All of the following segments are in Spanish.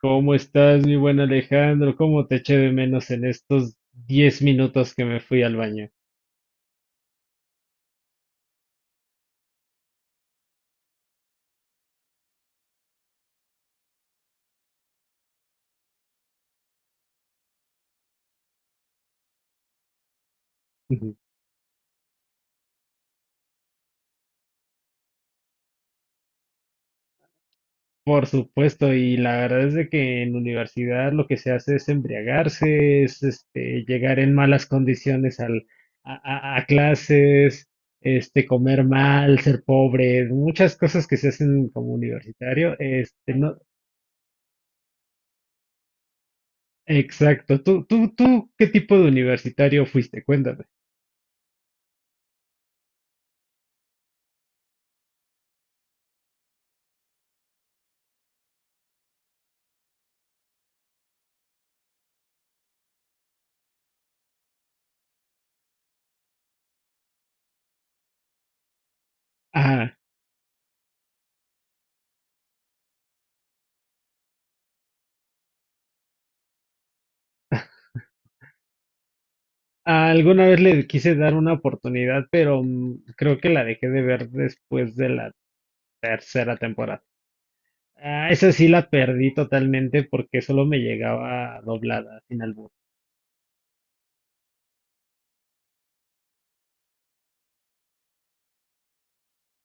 ¿Cómo estás, mi buen Alejandro? ¿Cómo te eché de menos en estos 10 minutos que me fui al baño? Por supuesto, y la verdad es de que en universidad lo que se hace es embriagarse, es llegar en malas condiciones a clases, comer mal, ser pobre, muchas cosas que se hacen como universitario. Este, no, exacto. ¿Tú, qué tipo de universitario fuiste? Cuéntame. Ah, alguna vez le quise dar una oportunidad, pero creo que la dejé de ver después de la tercera temporada. Ah, esa sí la perdí totalmente porque solo me llegaba doblada, sin albur.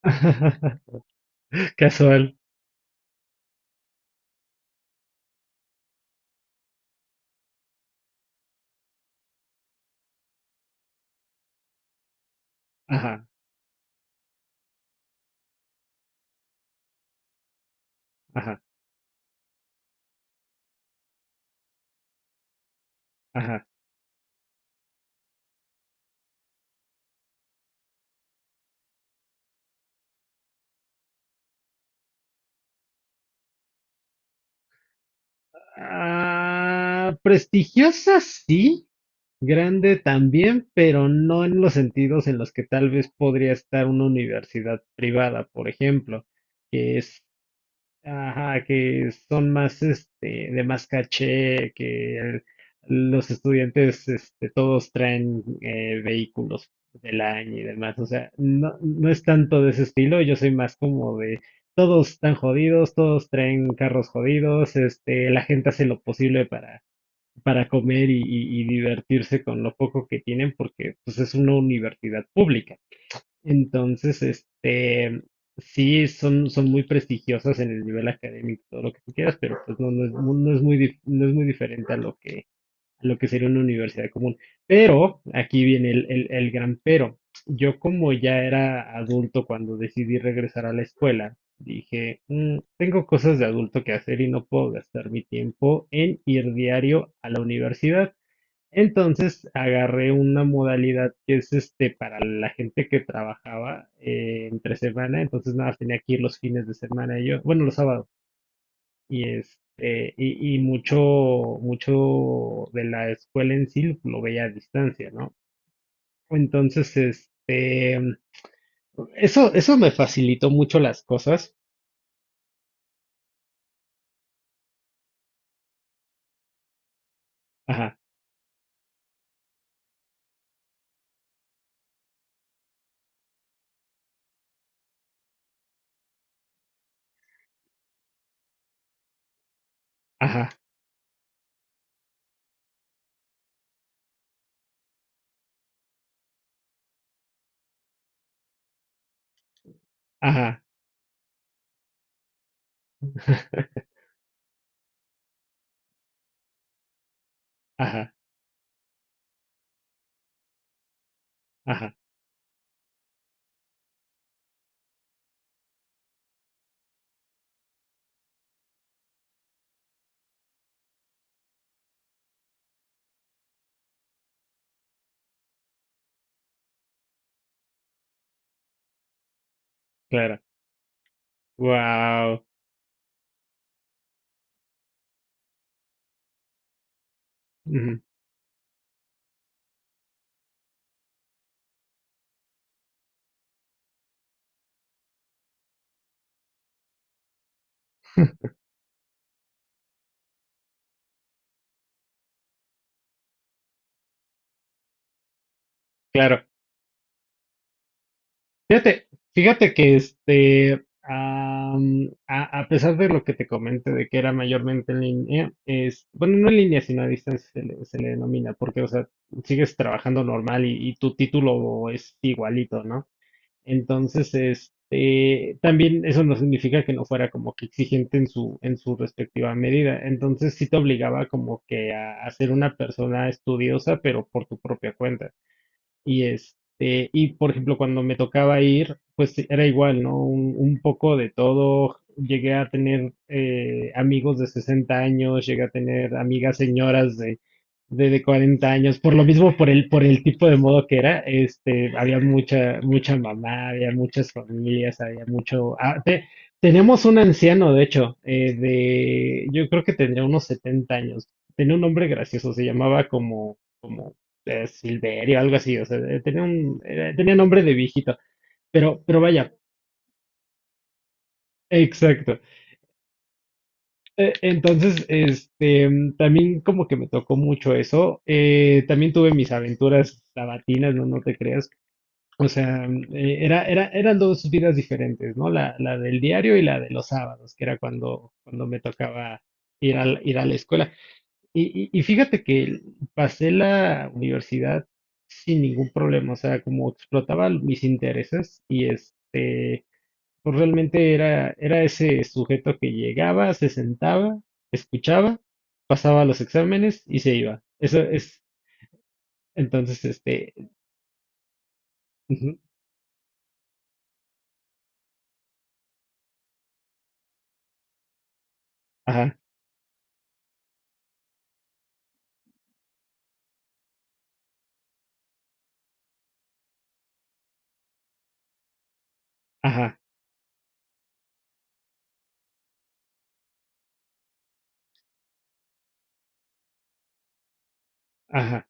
Casual. Ajá, ajá, ajá. Ah, prestigiosa sí, grande también, pero no en los sentidos en los que tal vez podría estar una universidad privada, por ejemplo, que ajá, que son más de más caché, los estudiantes todos traen vehículos del año y demás, o sea, no, no es tanto de ese estilo. Yo soy más como de todos están jodidos, todos traen carros jodidos, la gente hace lo posible para comer y, y divertirse con lo poco que tienen porque pues es una universidad pública. Entonces, este, sí, son, son muy prestigiosas en el nivel académico, todo lo que tú quieras, pero pues no, no es, no es muy, no es muy diferente a lo que sería una universidad común. Pero, aquí viene el gran pero. Yo como ya era adulto cuando decidí regresar a la escuela, dije, "Mm, tengo cosas de adulto que hacer y no puedo gastar mi tiempo en ir diario a la universidad. Entonces agarré una modalidad que es para la gente que trabajaba entre semana, entonces nada, más tenía que ir los fines de semana, yo bueno, los sábados, y mucho, mucho de la escuela en sí lo veía a distancia, ¿no? Entonces, este, eso me facilitó mucho las cosas. Ajá, ajá, ajá, ajá, ajá, claro. Wow. Ujú, claro. Fíjate, fíjate que a pesar de lo que te comenté de que era mayormente en línea, es, bueno, no en línea, sino a distancia se le denomina, porque, o sea, sigues trabajando normal y tu título es igualito, ¿no? Entonces, este, también eso no significa que no fuera como que exigente en su respectiva medida. Entonces, sí te obligaba como que a ser una persona estudiosa, pero por tu propia cuenta. Y este, y por ejemplo, cuando me tocaba ir, pues era igual, ¿no? Un poco de todo. Llegué a tener amigos de 60 años, llegué a tener amigas señoras de 40 años. Por lo mismo, por el tipo de modo que era, este, había mucha, mucha mamá, había muchas familias, había mucho. Tenemos un anciano, de hecho, yo creo que tendría unos 70 años. Tenía un nombre gracioso, se llamaba como Silverio, algo así, o sea, tenía un, tenía nombre de viejito, pero vaya, exacto. Entonces, también como que me tocó mucho eso, también tuve mis aventuras sabatinas, no, no te creas, o sea, eran dos vidas diferentes, ¿no? La del diario y la de los sábados, que era cuando, cuando me tocaba ir a, ir a la escuela. Y, y fíjate que pasé la universidad sin ningún problema, o sea, como explotaba mis intereses y este, pues realmente era, era ese sujeto que llegaba, se sentaba, escuchaba, pasaba los exámenes y se iba. Eso es, entonces, este, ujú, ajá, ajá, ajá,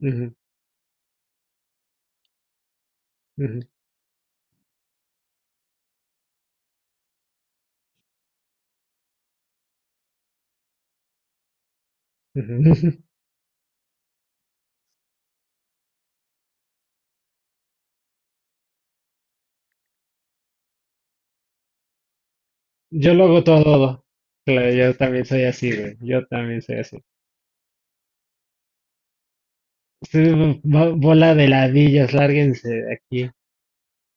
ujú, ujú, ujú. Yo lo hago todo. Claro, yo también soy así, güey, yo también soy así. Ustedes, bola de ladillas, lárguense de aquí.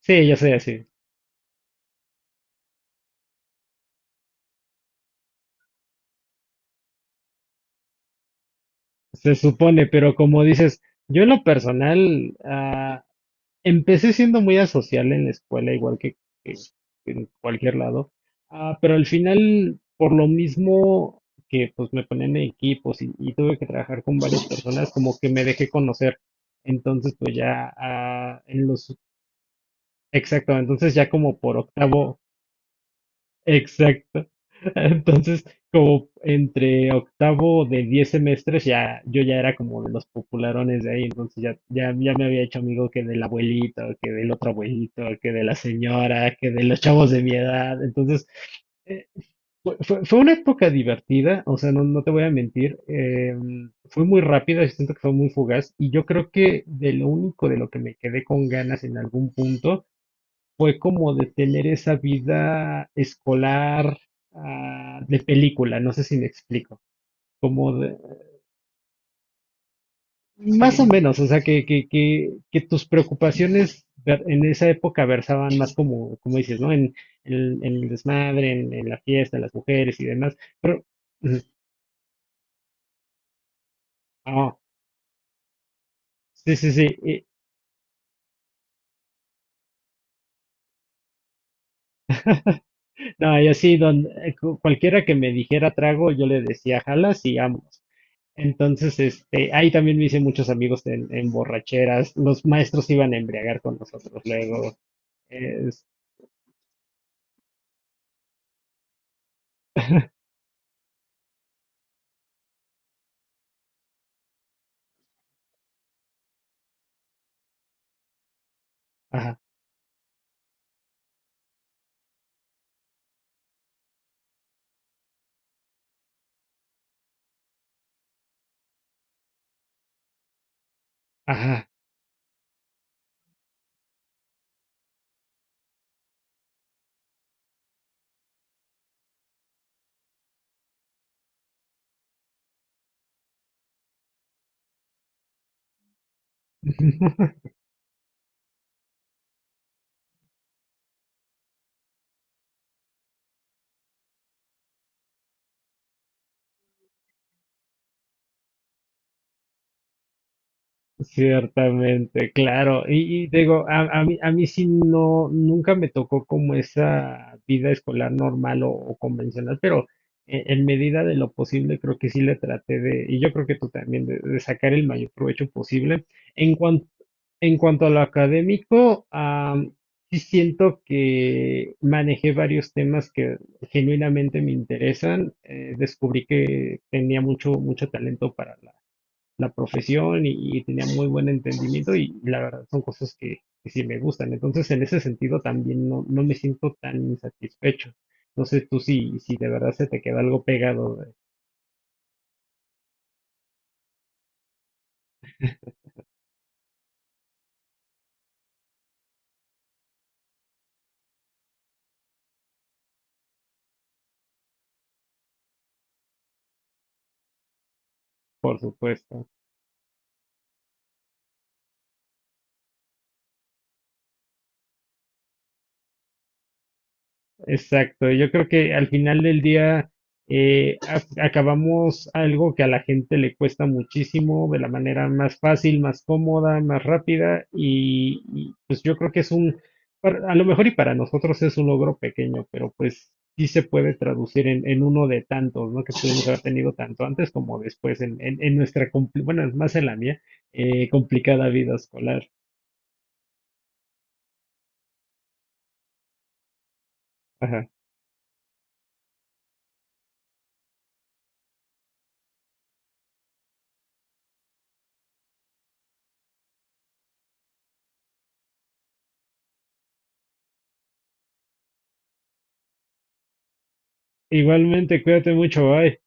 Sí, yo sé, sí, se supone, pero como dices, yo en lo personal empecé siendo muy asocial en la escuela, igual que en cualquier lado, pero al final, por lo mismo que pues me ponían en equipos y tuve que trabajar con varias personas, como que me dejé conocer. Entonces, pues ya exacto, entonces ya como por octavo, exacto. Entonces, como entre octavo de 10 semestres, ya yo ya era como de los popularones de ahí, entonces ya me había hecho amigo que del abuelito, que del otro abuelito, que de la señora, que de los chavos de mi edad. Entonces, eh, fue una época divertida, o sea, no, no te voy a mentir, fue muy rápida, yo siento que fue muy fugaz, y yo creo que de lo único de lo que me quedé con ganas en algún punto fue como de tener esa vida escolar de película, no sé si me explico, como de, más o sí, menos, o sea, que tus preocupaciones en esa época versaban más como, como dices, ¿no? En el desmadre, en la fiesta, las mujeres y demás, pero, ujú, ah, sí, sí, sí, no, y así, don, cualquiera que me dijera trago, yo le decía, jalas y vamos. Entonces, este, ahí también me hice muchos amigos en borracheras. Los maestros se iban a embriagar con nosotros luego. Es, ajá, ajá. Ciertamente, claro. Y digo, a mí sí no, nunca me tocó como esa vida escolar normal o convencional, pero medida de lo posible creo que sí le traté de, y yo creo que tú también, de sacar el mayor provecho posible. En cuanto En cuanto a lo académico, sí siento que manejé varios temas que genuinamente me interesan. Descubrí que tenía mucho, mucho talento para la, la profesión y tenía muy buen entendimiento y la verdad son cosas que sí me gustan. Entonces, en ese sentido también no, no me siento tan insatisfecho. No sé tú si, si de verdad se te queda algo pegado, por supuesto. Exacto, yo creo que al final del día acabamos algo que a la gente le cuesta muchísimo de la manera más fácil, más cómoda, más rápida y, pues yo creo que es un, a lo mejor y para nosotros es un logro pequeño, pero pues sí se puede traducir en uno de tantos, ¿no? Que pudimos haber tenido tanto antes como después en nuestra, bueno, es más en la mía, complicada vida escolar. Ajá. Igualmente, cuídate mucho, bye.